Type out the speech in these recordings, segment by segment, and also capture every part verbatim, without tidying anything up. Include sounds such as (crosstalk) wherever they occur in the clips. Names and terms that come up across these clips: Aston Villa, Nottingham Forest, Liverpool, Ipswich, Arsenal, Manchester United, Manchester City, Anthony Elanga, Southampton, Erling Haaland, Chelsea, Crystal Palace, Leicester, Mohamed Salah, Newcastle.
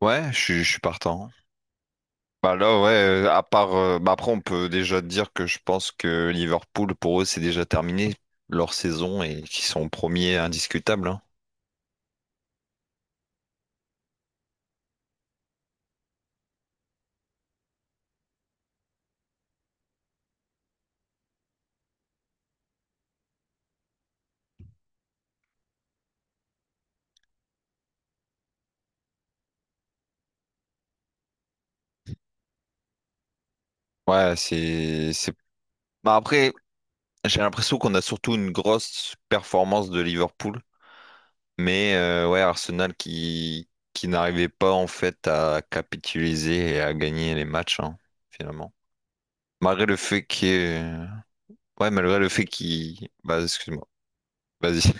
Ouais, je suis, je suis partant. Bah là, ouais, euh, à part. euh, bah après, on peut déjà dire que je pense que Liverpool, pour eux, c'est déjà terminé leur saison et qu'ils sont premiers indiscutables, hein. Ouais, c'est, c'est... bah après, j'ai l'impression qu'on a surtout une grosse performance de Liverpool. Mais euh, ouais, Arsenal qui, qui n'arrivait pas en fait à capitaliser et à gagner les matchs, hein, finalement. Malgré le fait qu'il... Ouais, malgré le fait qu'il... Bah, excuse-moi. Vas-y.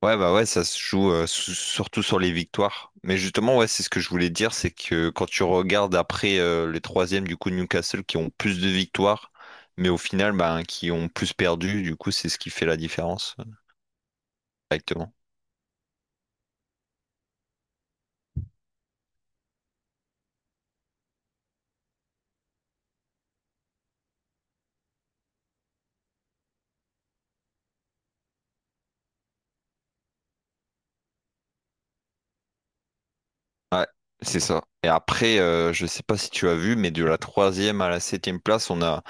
Ouais, bah ouais, ça se joue euh, sou- surtout sur les victoires. Mais justement, ouais, c'est ce que je voulais dire, c'est que quand tu regardes après euh, les troisièmes, du coup, Newcastle qui ont plus de victoires, mais au final, bah, qui ont plus perdu, du coup, c'est ce qui fait la différence euh, directement. Ouais, c'est ça. Et après, euh, je sais pas si tu as vu, mais de la troisième à la septième place, on a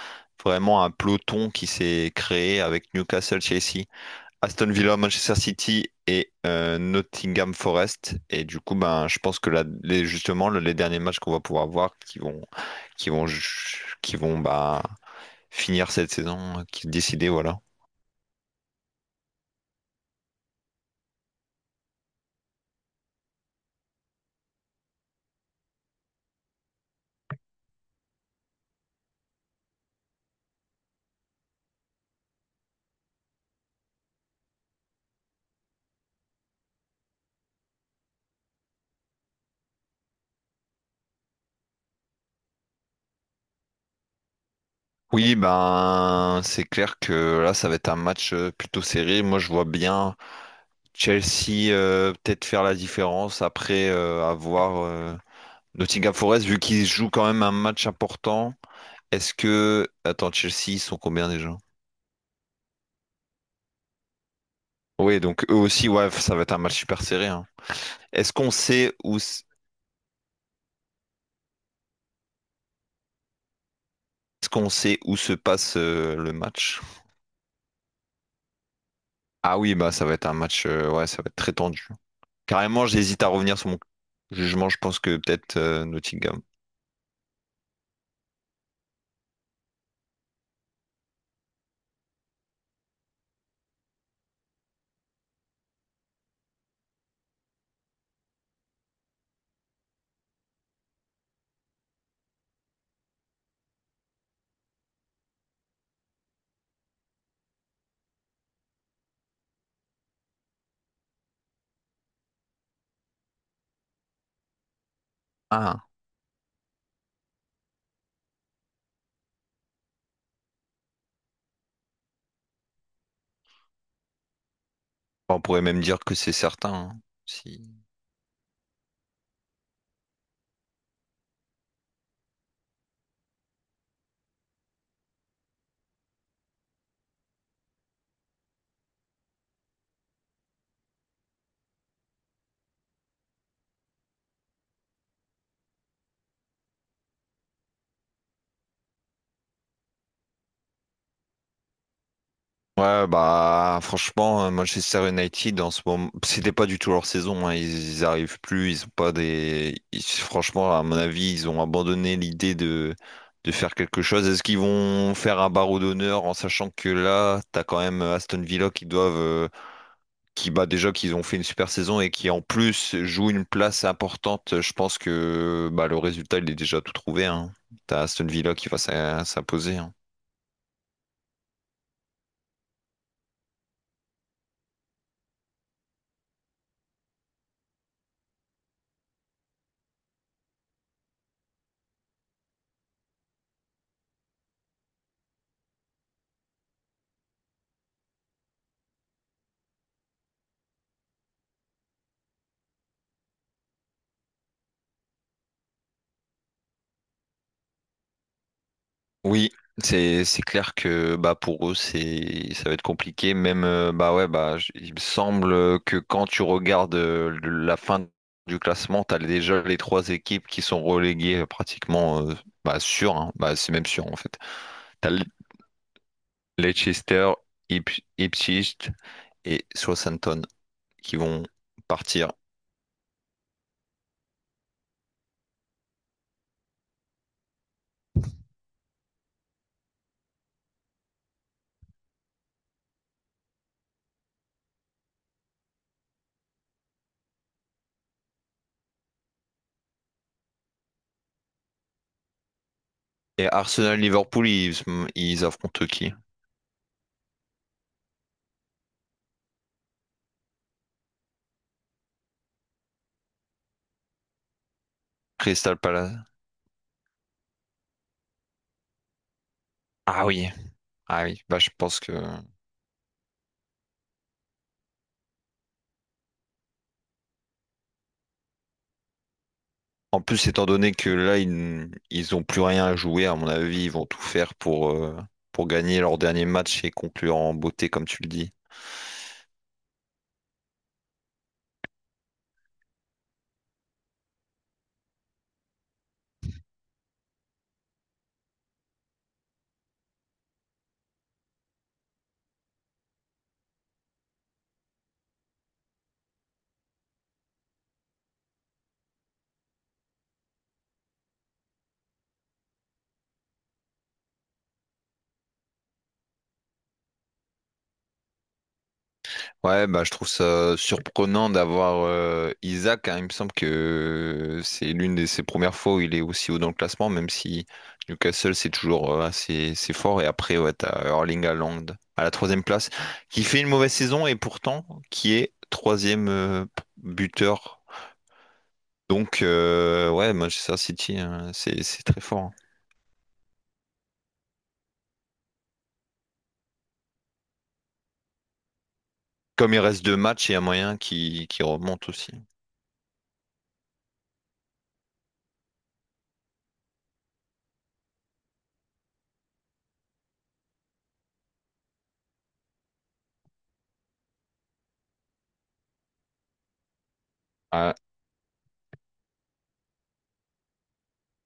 vraiment un peloton qui s'est créé avec Newcastle, Chelsea, Aston Villa, Manchester City et euh, Nottingham Forest. Et du coup, ben, je pense que là, les- justement, le- les derniers matchs qu'on va pouvoir voir qui vont, qui vont, ju- qui vont bah, finir cette saison, euh, qui décider, voilà. Oui, ben, c'est clair que là, ça va être un match euh, plutôt serré. Moi, je vois bien Chelsea euh, peut-être faire la différence après euh, avoir euh, Nottingham Forest, vu qu'ils jouent quand même un match important. Est-ce que... Attends, Chelsea, ils sont combien déjà? Oui, donc eux aussi, ouais, ça va être un match super serré, hein. Est-ce qu'on sait où s- Est-ce qu'on sait où se passe euh, le match? Ah oui, bah ça va être un match, euh, ouais, ça va être très tendu. Carrément, j'hésite à revenir sur mon jugement. Je pense que peut-être euh, Nottingham. Ah, on pourrait même dire que c'est certain, hein, si. Ouais, bah franchement, euh, Manchester United en ce moment, c'était pas du tout leur saison, hein. Ils, ils arrivent plus, ils ont pas des. Ils- franchement, à mon avis, ils ont abandonné l'idée de, de faire quelque chose. Est-ce qu'ils vont faire un barreau d'honneur en sachant que là, t'as quand même euh, Aston Villa qui doivent, euh, qui bah déjà qu'ils ont fait une super saison et qui en plus jouent une place importante. Je pense que bah le résultat, il est déjà tout trouvé, hein. T'as Aston Villa qui va s'im- s'imposer, hein. Oui, c'est c'est clair que bah pour eux c'est ça va être compliqué. Même euh, bah ouais bah j- il me semble que quand tu regardes euh, le- la fin du classement, t'as déjà les trois équipes qui sont reléguées euh, pratiquement euh, bah sûr, hein. Bah c'est même sûr en fait. T'as Le- Leicester, Ip- Ipswich et Southampton qui vont partir. Et Arsenal, Liverpool, ils, ils affrontent qui? Crystal Palace. Ah oui, ah oui, bah je pense que. En plus, étant donné que là, ils, ils ont plus rien à jouer, à mon avis, ils vont tout faire pour, euh, pour gagner leur dernier match et conclure en beauté, comme tu le dis. Ouais, bah, je trouve ça surprenant d'avoir euh, Isaac, hein. Il me semble que c'est l'une de ses premières fois où il est aussi haut dans le classement, même si Newcastle, c'est toujours euh, assez, assez fort. Et après, ouais, t'as Erling Haaland à la troisième place, qui fait une mauvaise saison et pourtant qui est troisième euh, buteur. Donc, euh, ouais, Manchester City, hein, c'est c'est très fort, hein. Comme il reste deux matchs, il y a moyen qui qui remonte aussi. Ah,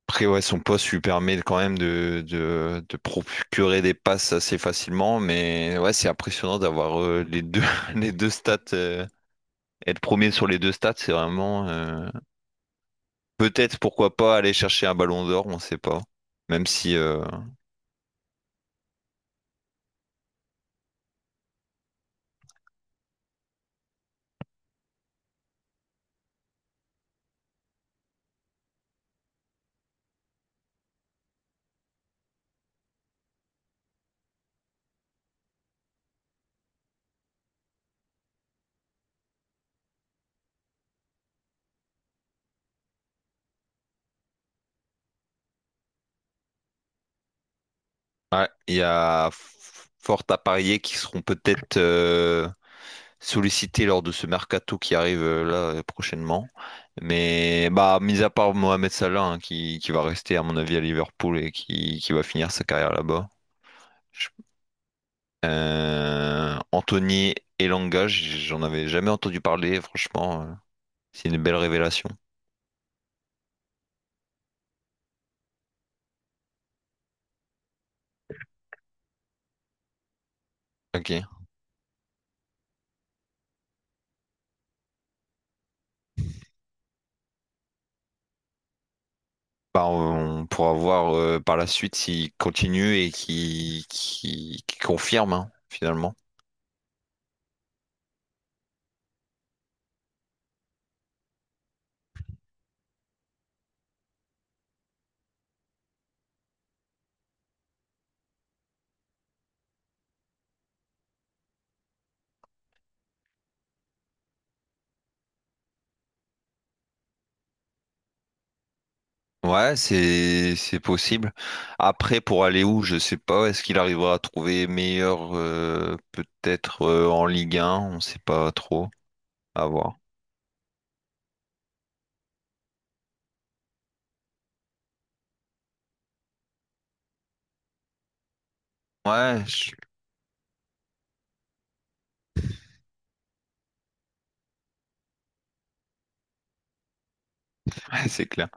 après, ouais, son poste lui permet quand même de, de, de procurer des passes assez facilement, mais ouais, c'est impressionnant d'avoir euh, les deux, (laughs) les deux stats. Euh, être premier sur les deux stats, c'est vraiment euh, peut-être pourquoi pas aller chercher un ballon d'or, on sait pas. Même si euh, ouais, il y a f- fort à parier qu'ils seront peut-être euh, sollicité lors de ce mercato qui arrive euh, là euh, prochainement. Mais bah, mis à part Mohamed Salah, hein, qui, qui va rester à mon avis à Liverpool et qui, qui va finir sa carrière là-bas. Je- Euh, Anthony Elanga, j- j'en avais jamais entendu parler, franchement, euh, c'est une belle révélation. Ok. Bah, on pourra voir euh, par la suite s'il continue et qui, qui, confirme, hein, finalement. Ouais, c'est c'est possible. Après, pour aller où, je sais pas. Est-ce qu'il arrivera à trouver meilleur, euh, peut-être euh, en Ligue un, on sait pas trop. À voir. Ouais, je- (laughs) ouais, c'est clair.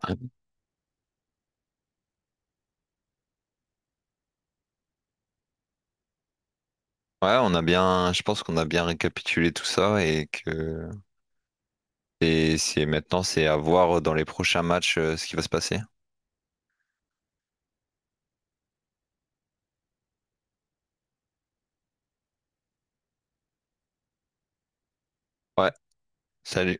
Ouais, on a bien, je pense qu'on a bien récapitulé tout ça et que et c'est maintenant c'est à voir dans les prochains matchs euh, ce qui va se passer. Ouais, salut.